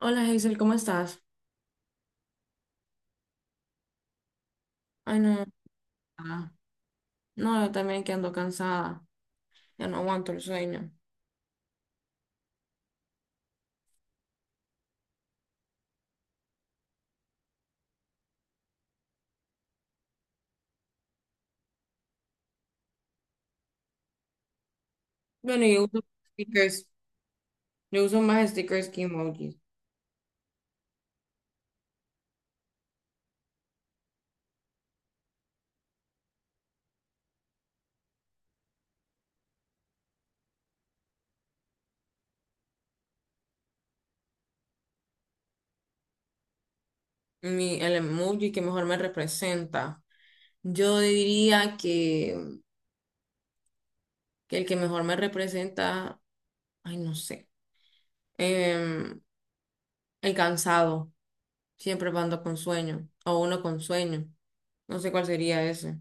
Hola Hazel, ¿cómo estás? Ay, no, ah, no, yo también que ando cansada, ya no aguanto el sueño. Bueno, yo uso stickers, yo uso más stickers que emojis. Mi, el emoji que mejor me representa. Yo diría que el que mejor me representa, ay, no sé, em, el cansado, siempre ando con sueño, o uno con sueño, no sé cuál sería ese.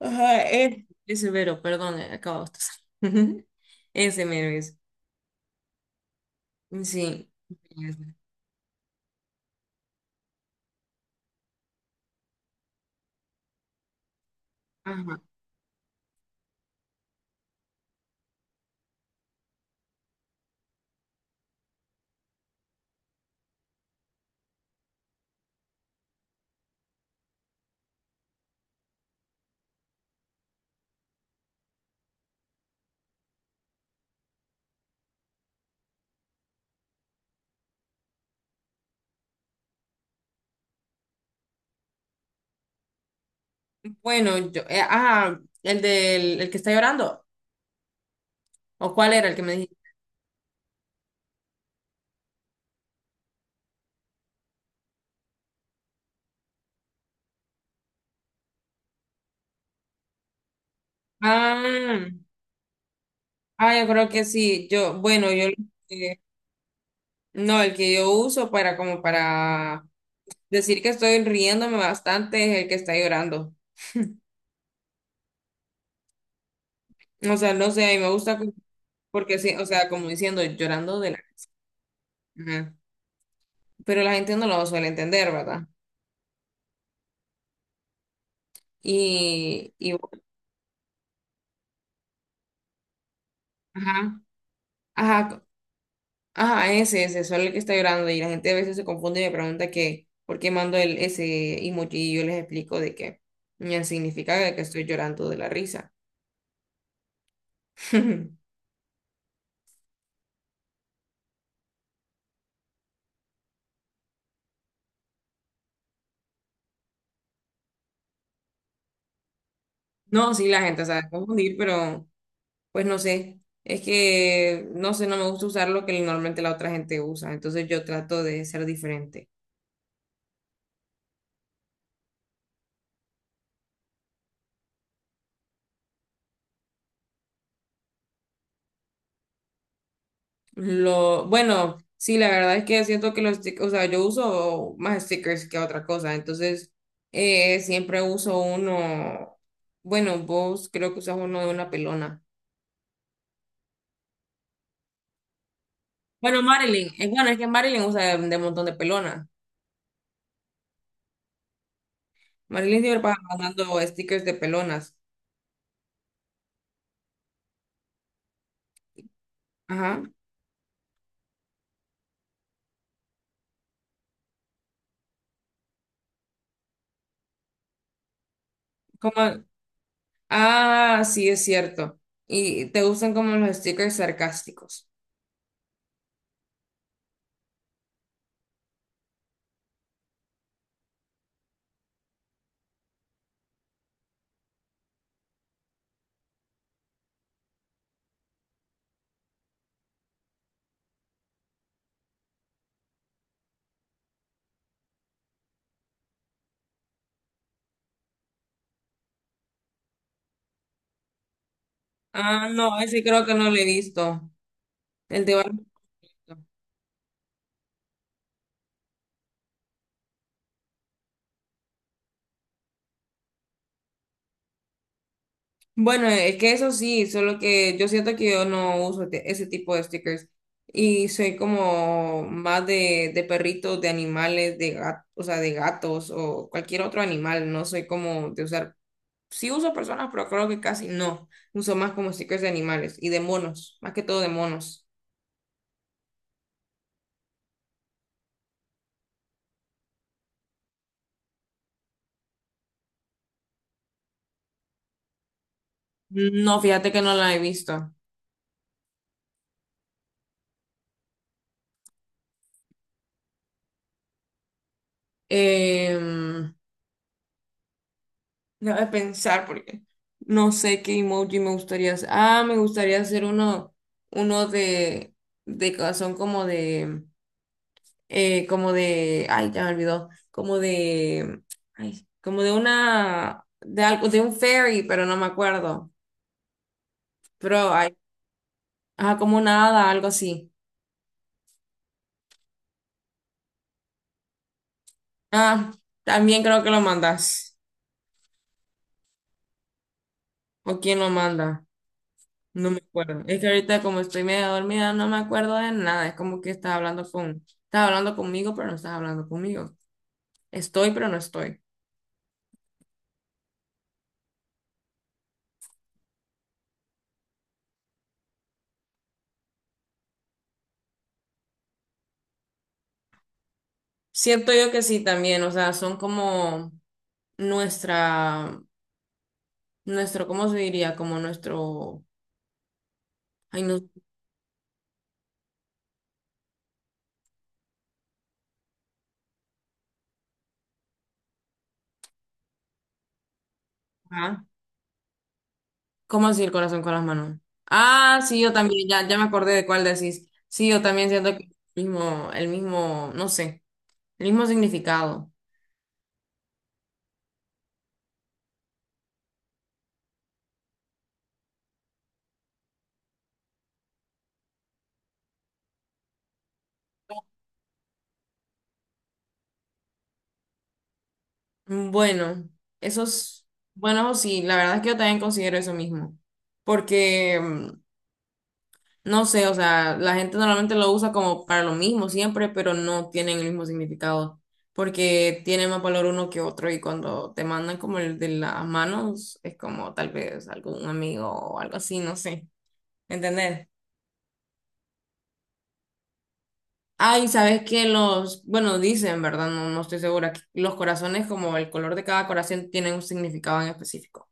Ajá, Ese mero, perdón, acabo de estar. Ese mero es. Sí. Ajá. Bueno, yo, el del el que está llorando. ¿O cuál era el que me dijiste? Ah, ah, yo creo que sí. Yo, bueno, yo eh, no, el que yo uso para decir que estoy riéndome bastante es el que está llorando. O sea, no sé, a mí me gusta como... porque sí, o sea, como diciendo, llorando de la. Ajá. Pero la gente no lo suele entender, ¿verdad? Y ajá, ajá, ajá, ese, solo el que está llorando y la gente a veces se confunde y me pregunta que por qué mando el, ese emoji y yo les explico de que ya significa de que estoy llorando de la risa. No, sí, la gente sabe confundir, pero pues no sé, es que no sé, no me gusta usar lo que normalmente la otra gente usa, entonces yo trato de ser diferente. Lo, bueno, sí, la verdad es que siento que los stickers, o sea, yo uso más stickers que otra cosa, entonces siempre uso uno, bueno, vos creo que usas uno de una pelona. Bueno, Marilyn, es bueno, es que Marilyn usa de un montón de pelonas. Marilyn siempre pasa mandando stickers de pelonas. Ajá. Como, ah, sí, es cierto. Y te gustan como los stickers sarcásticos. Ah, no, ese creo que no lo he visto. El de Barbie. Bueno, es que eso sí, solo que yo siento que yo no ese tipo de stickers y soy como más de perritos, de animales, de gatos, o sea, de gatos o cualquier otro animal, no soy como de usar, sí uso personas, pero creo que casi no, uso más como stickers de animales y de monos, más que todo de monos. No, fíjate que no la he visto. Em, Déjame pensar porque no sé qué emoji me gustaría hacer. Ah, me gustaría hacer uno, uno de corazón como de, ay, ya me olvidó, como de, ay, como de una, de algo, de un ferry, pero no me acuerdo. Pero, ay, ajá, como una hada, algo así. Ah, también creo que lo mandas. ¿O quién lo manda? No me acuerdo. Es que ahorita como estoy medio dormida, no me acuerdo de nada. Es como que estás hablando con, estás hablando conmigo, pero no estás hablando conmigo. Estoy, pero no estoy. Siento yo que sí también, o sea, son como nuestra, nuestro, ¿cómo se diría? Como nuestro, ay, no, ah, ¿cómo así el corazón con las manos? Ah, sí, yo también, ya, ya me acordé de cuál decís. Sí, yo también siento que el mismo, no sé, el mismo significado. Mm, bueno, esos, bueno, sí, la verdad es que yo también considero eso mismo, porque, mm, no sé, o sea, la gente normalmente lo usa como para lo mismo siempre, pero no tienen el mismo significado, porque tiene más valor uno que otro y cuando te mandan como el de las manos, es como tal vez algún amigo o algo así, no sé, ¿entendés? Ay, sabes que los, bueno, dicen, ¿verdad? No, no estoy segura, que los corazones como el color de cada corazón tienen un significado en específico.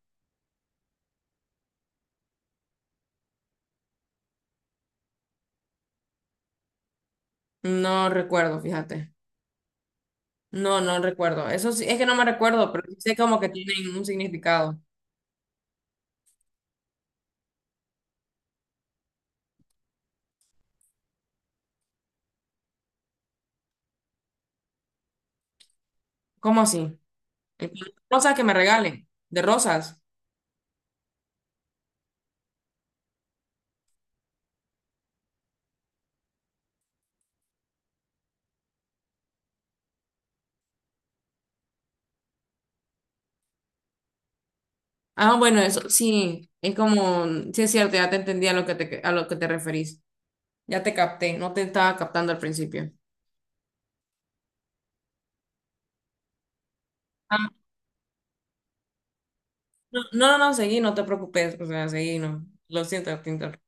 No recuerdo, fíjate. No, no recuerdo. Eso sí, es que no me recuerdo, pero sí sé como que tienen un significado. ¿Cómo así? Eh, Rosas que me regalen, de rosas. Ah, bueno, eso sí, es como, mm, sí es cierto, ya te entendí a lo que te, a lo que te referís. Ya te capté, no te estaba captando al principio. Ah, no, no, no, seguí, no te preocupes, o sea, seguí, no. Lo siento, te interrumpí.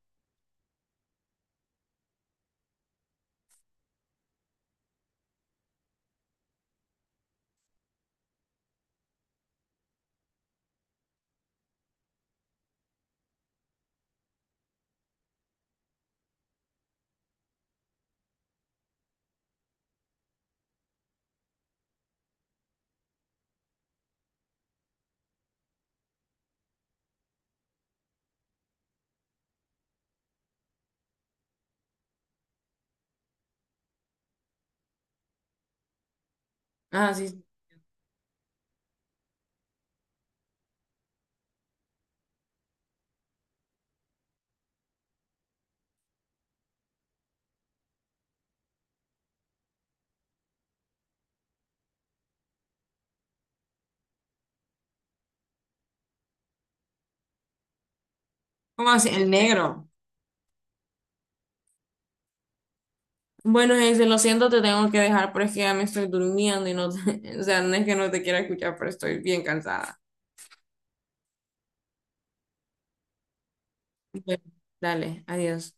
Ah, sí. ¿Cómo así? El negro. Bueno, Hazel, lo siento, te tengo que dejar, pero es que ya me estoy durmiendo y no, te... o sea, no es que no te quiera escuchar, pero estoy bien cansada. Bueno, dale, adiós.